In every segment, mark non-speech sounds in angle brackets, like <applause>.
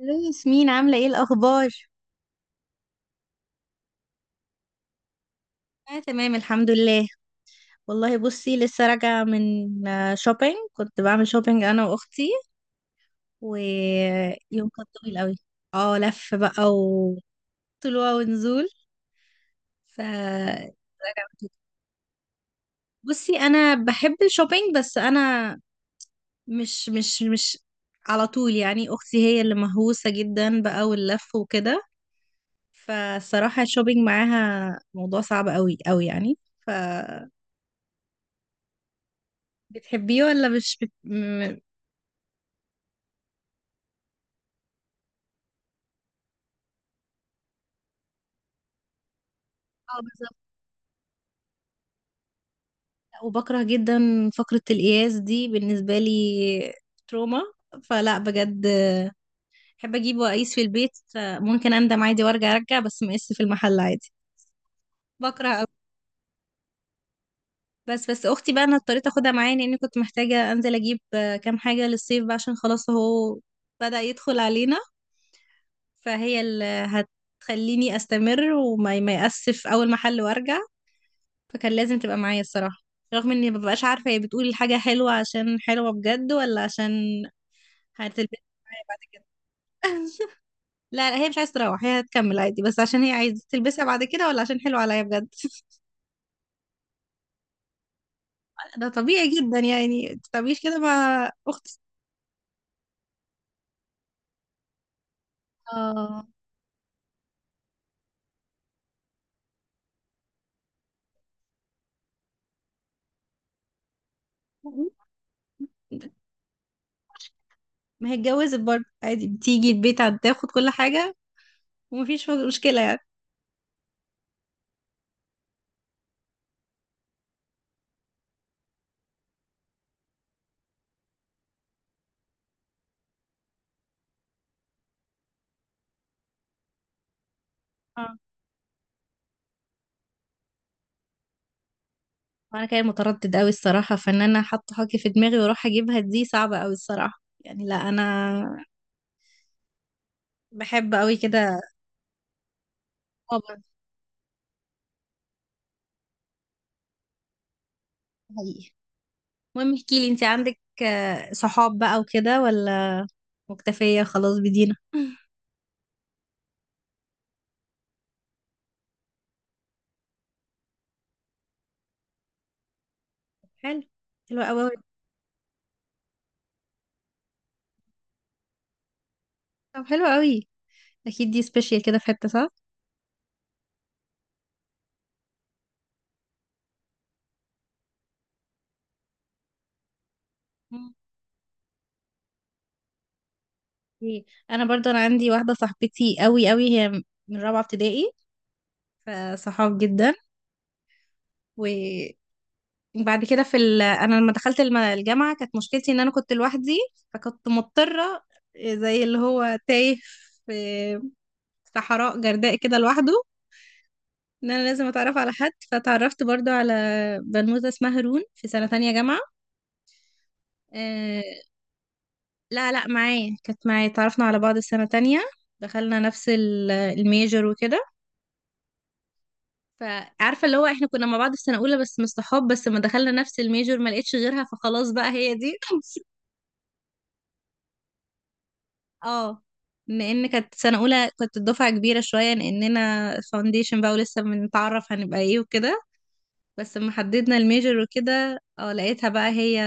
الو ياسمين، عاملة ايه الأخبار؟ اه، تمام الحمد لله. والله بصي، لسه راجعة من شوبينج. كنت بعمل شوبينج أنا وأختي، ويوم كان طويل قوي. اه، لف بقى وطلوع ونزول. ف راجعة مبسوطة. بصي، أنا بحب الشوبينج بس أنا مش على طول. يعني أختي هي اللي مهووسة جدا بقى، واللف وكده. فالصراحة الشوبينج معاها موضوع صعب قوي قوي يعني. ف بتحبيه ولا مش بت... م- اه. بالظبط. لا، وبكره جدا فقرة القياس دي بالنسبة لي، تروما. فلا، بجد بحب اجيبه واقيس في البيت. ممكن اندم عادي وارجع بس مقيس في المحل عادي. بكره أوي. بس بس اختي بقى انا اضطريت اخدها معايا لاني كنت محتاجة انزل اجيب كام حاجة للصيف بقى عشان خلاص اهو بدأ يدخل علينا. فهي اللي هتخليني استمر وما ما يأسف اول محل وارجع. فكان لازم تبقى معايا الصراحة. رغم اني مببقاش عارفة هي بتقول الحاجة حلوة عشان حلوة بجد ولا عشان هتلبسها معايا بعد كده. <laughs> لا لا، هي مش عايزة تروح، هي هتكمل عادي. بس عشان هي عايزة تلبسها بعد كده ولا عشان حلوة عليا بجد؟ <laughs> ده طبيعي جدا يعني، متتعمليش كده مع اختي. اه، ما هي اتجوزت برضه عادي، بتيجي البيت تاخد كل حاجة ومفيش مشكلة يعني. اه. وانا كان متردد قوي الصراحة، فان انا حاطة حاجة في دماغي واروح اجيبها دي صعبة قوي الصراحة يعني. لا انا بحب قوي كده. اه برضه. حقيقي. المهم احكي لي، انت عندك صحاب بقى وكده ولا مكتفية خلاص بدينا؟ حلو. حلو قوي. طب حلو قوي. اكيد دي سبيشال كده في حتة، صح. مم. إيه. انا برضو انا عندي واحدة صاحبتي قوي قوي، هي من رابعة ابتدائي. فصحاب جدا. وبعد كده انا لما دخلت الجامعة كانت مشكلتي ان انا كنت لوحدي. فكنت مضطرة، زي اللي هو تايه في صحراء جرداء كده لوحده، ان انا لازم اتعرف على حد. فتعرفت برضو على بنوتة اسمها هارون في سنة تانية جامعة. آه. لا لا، معايا، كانت معايا، اتعرفنا على بعض السنة تانية. دخلنا نفس الميجر وكده. فعارفة اللي هو احنا كنا مع بعض في سنة أولى بس مش صحاب، بس ما دخلنا نفس الميجر ما لقيتش غيرها فخلاص بقى هي دي. <laughs> اه. لأن كانت سنة أولى، كنت الدفعة كبيرة شوية لأننا فاونديشن بقى ولسه بنتعرف هنبقى ايه وكده. بس لما حددنا الميجر وكده، اه، لقيتها بقى هي.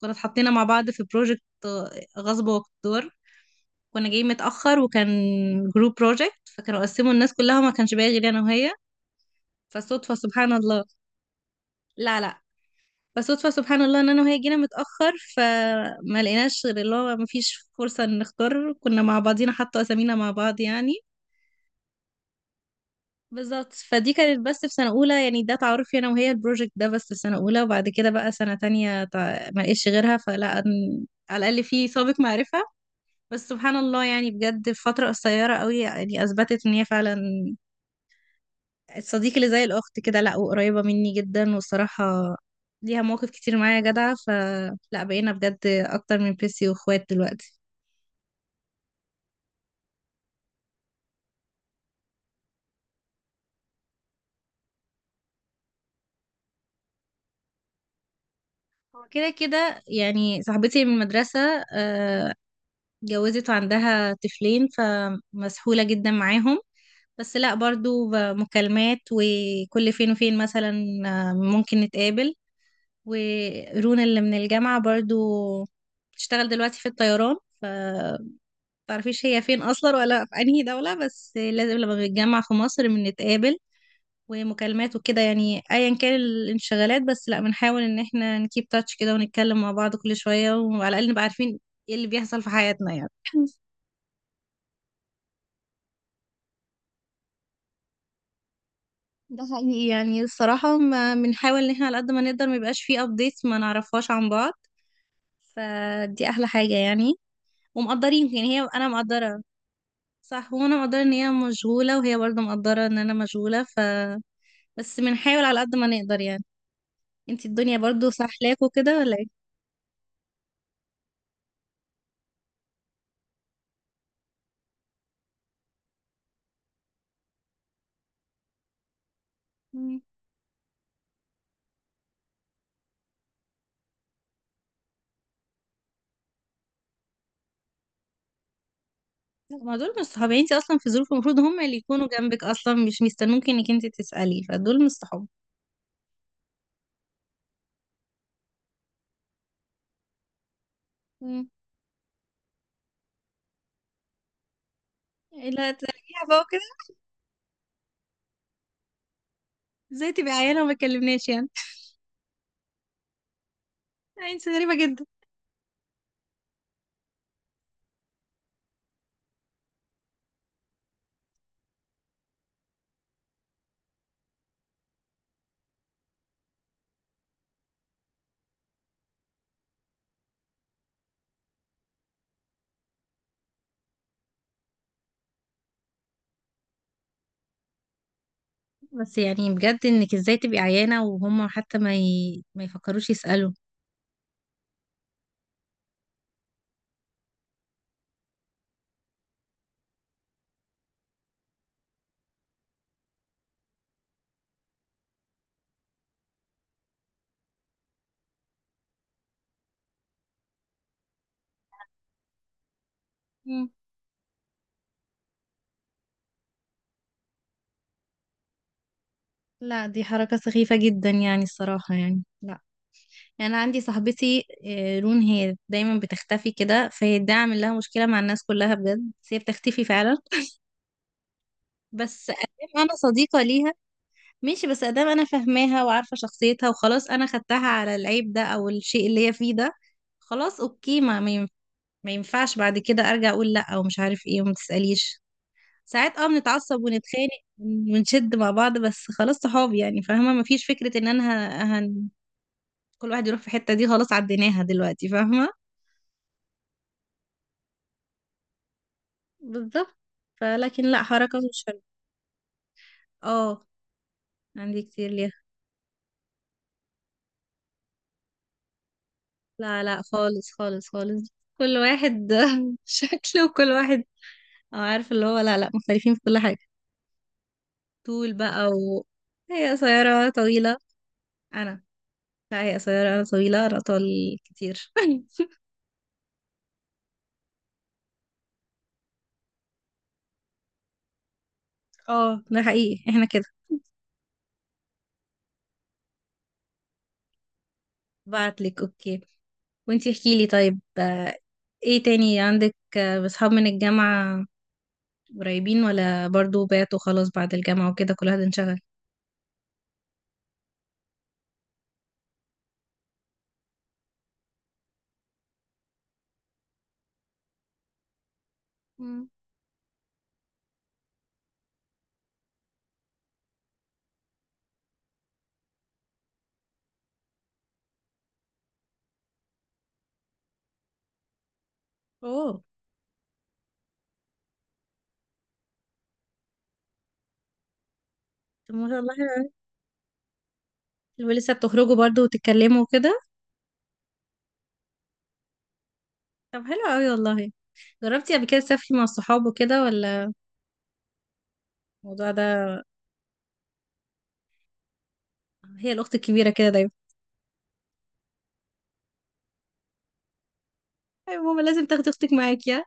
كنا اتحطينا مع بعض في بروجكت غصب واقتدار. كنا جايين متأخر وكان جروب بروجكت، فكانوا قسموا الناس كلها ما كانش باقي غير انا وهي. فصدفة سبحان الله. لا لا. فصدفة سبحان الله ان انا وهي جينا متأخر فما لقيناش غير اللي هو ما فيش فرصة ان نختار، كنا مع بعضينا حتى اسامينا مع بعض يعني. بالظبط. فدي كانت بس في سنة أولى، يعني ده تعارفي أنا وهي البروجكت ده بس في سنة أولى. وبعد كده بقى سنة تانية، ما لقيتش غيرها، على الأقل في سابق معرفة. بس سبحان الله يعني بجد في فترة قصيرة قوي يعني أثبتت إن هي فعلا الصديق اللي زي الأخت كده. لأ، وقريبة مني جدا والصراحة ليها مواقف كتير معايا جدعة، فلا بقينا بجد أكتر من بيسي وإخوات دلوقتي. هو كده كده. يعني صاحبتي من المدرسة آه، اتجوزت وعندها طفلين فمسحولة جدا معاهم. بس لا، برضو مكالمات، وكل فين وفين مثلا ممكن نتقابل. ورونا اللي من الجامعة برضو بتشتغل دلوقتي في الطيران. ف متعرفيش هي فين أصلا ولا في أنهي دولة، بس لازم لما بنتجمع في مصر بنتقابل. ومكالمات وكده يعني، أيا كان الانشغالات، بس لأ بنحاول إن احنا نكيب تاتش كده ونتكلم مع بعض كل شوية وعلى الأقل نبقى عارفين ايه اللي بيحصل في حياتنا يعني. <laughs> ده حقيقي، يعني الصراحة ما بنحاول إن احنا على قد ما نقدر ما يبقاش فيه أبديتس ما نعرفهاش عن بعض. فدي أحلى حاجة يعني. ومقدرين يعني، هي أنا مقدرة. صح، وانا مقدرة ان هي مشغولة وهي برضو مقدرة ان انا مشغولة. ف بس بنحاول على قد ما نقدر يعني. انتي الدنيا برضو سحلاكوا كده ولا ايه؟ مم. لا، ما دول مش صحاب. يعني انتي اصلا في ظروف المفروض هم اللي يكونوا جنبك، اصلا مش مستنوكي انك انتي تسألي. فدول مش صحاب. مم. لا تلاقيها بقى كده. ازاي تبقي عيانة وما تكلمناش يعني؟ يعني انتي غريبة جدا. بس يعني بجد، انك ازاي تبقي عيانة وهم حتى ما يفكروش يسألوا؟ مم. لا، دي حركة سخيفة جدا يعني الصراحة، يعني لا. يعني انا عندي صاحبتي رون، هي دايما بتختفي كده، فهي ده عامل لها مشكله مع الناس كلها بجد، بس هي بتختفي فعلا. بس ادام انا صديقه ليها، ماشي. بس ادام انا فاهماها وعارفه شخصيتها وخلاص انا خدتها على العيب ده او الشيء اللي هي فيه ده، خلاص اوكي. ما ينفعش بعد كده ارجع اقول لا او مش عارف ايه وما تساليش. ساعات اه بنتعصب ونتخانق ونشد مع بعض، بس خلاص صحاب يعني، فاهمه، مفيش فكره ان انا ه- هن... كل واحد يروح في حته. دي خلاص عديناها دلوقتي، فاهمه. بالظبط. فلكن لا، حركة مش حلوة. اه، عندي كتير ليها. لا لا، خالص خالص خالص. كل واحد <laughs> شكله، وكل واحد أو عارف اللي هو، لا لا، مختلفين في كل حاجة. طول بقى و هي قصيرة طويلة. أنا. لا، هي قصيرة أنا طويلة، أنا أطول كتير. <laughs> اه، ده حقيقي احنا كده. بعتلك اوكي. وانتي احكيلي طيب ايه تاني عندك بصحاب من الجامعة قريبين ولا برضو بعتوا خلاص بعد الجامعة وكده كل واحد انشغل؟ اوه. طب ما شاء الله، حلو أوي. ولسه بتخرجوا برضو وتتكلموا كده؟ طب حلو قوي والله. جربتي قبل كده تسافري مع الصحاب وكده ولا الموضوع ده؟ هي الاخت الكبيره كده دايما. ايوه ماما لازم تاخدي اختك معاكي ها؟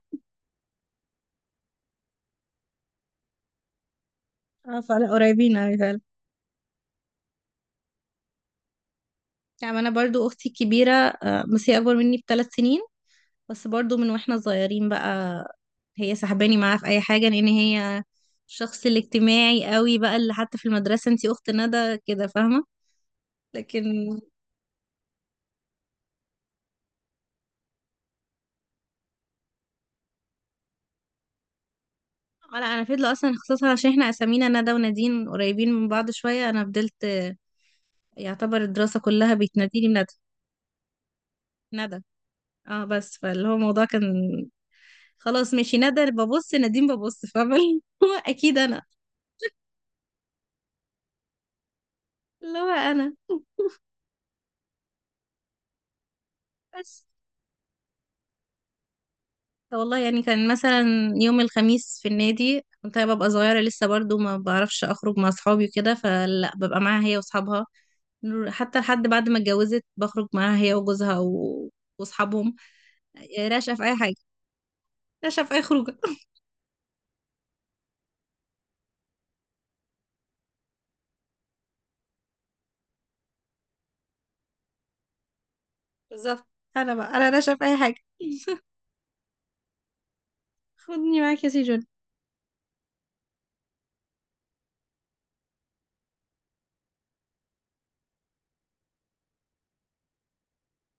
اه فعلا قريبين قوي فعلا. يعني انا برضو اختي الكبيره بس هي اكبر مني ب3 سنين. بس برضو من واحنا صغيرين بقى هي سحباني معاها في اي حاجه، لان هي الشخص الاجتماعي قوي بقى، اللي حتى في المدرسه انتي اخت ندى كده، فاهمه. لكن اه، لا انا فضل اصلا خصوصا عشان احنا اسامينا ندى ونادين قريبين من بعض شويه، انا فضلت يعتبر الدراسه كلها بتناديني بندى. ندى. اه بس فاللي هو الموضوع كان خلاص ماشي، ندى ببص، نادين ببص، فاهمه اللي هو اكيد انا. اللي هو انا. بس والله، يعني كان مثلا يوم الخميس في النادي كنت أنا ببقى صغيره لسه، برضو ما بعرفش اخرج مع اصحابي وكده فلا، ببقى معاها هي واصحابها. حتى لحد بعد ما اتجوزت بخرج معاها هي وجوزها واصحابهم. راشقه في اي حاجه. نشأ في أي خروجة. بالظبط. أنا بقى، أنا نشأ في أي حاجة. <laughs> خدني معاك يا سي جون.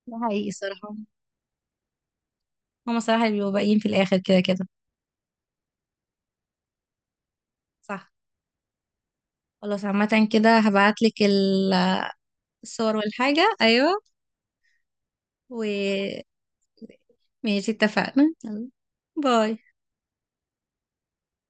ده حقيقي صراحة. هما صراحة اللي بيبقوا باقيين في الآخر كده كده. صح. خلاص، عامة كده هبعتلك الصور والحاجة، أيوة. و ماشي اتفقنا، يلا، باي.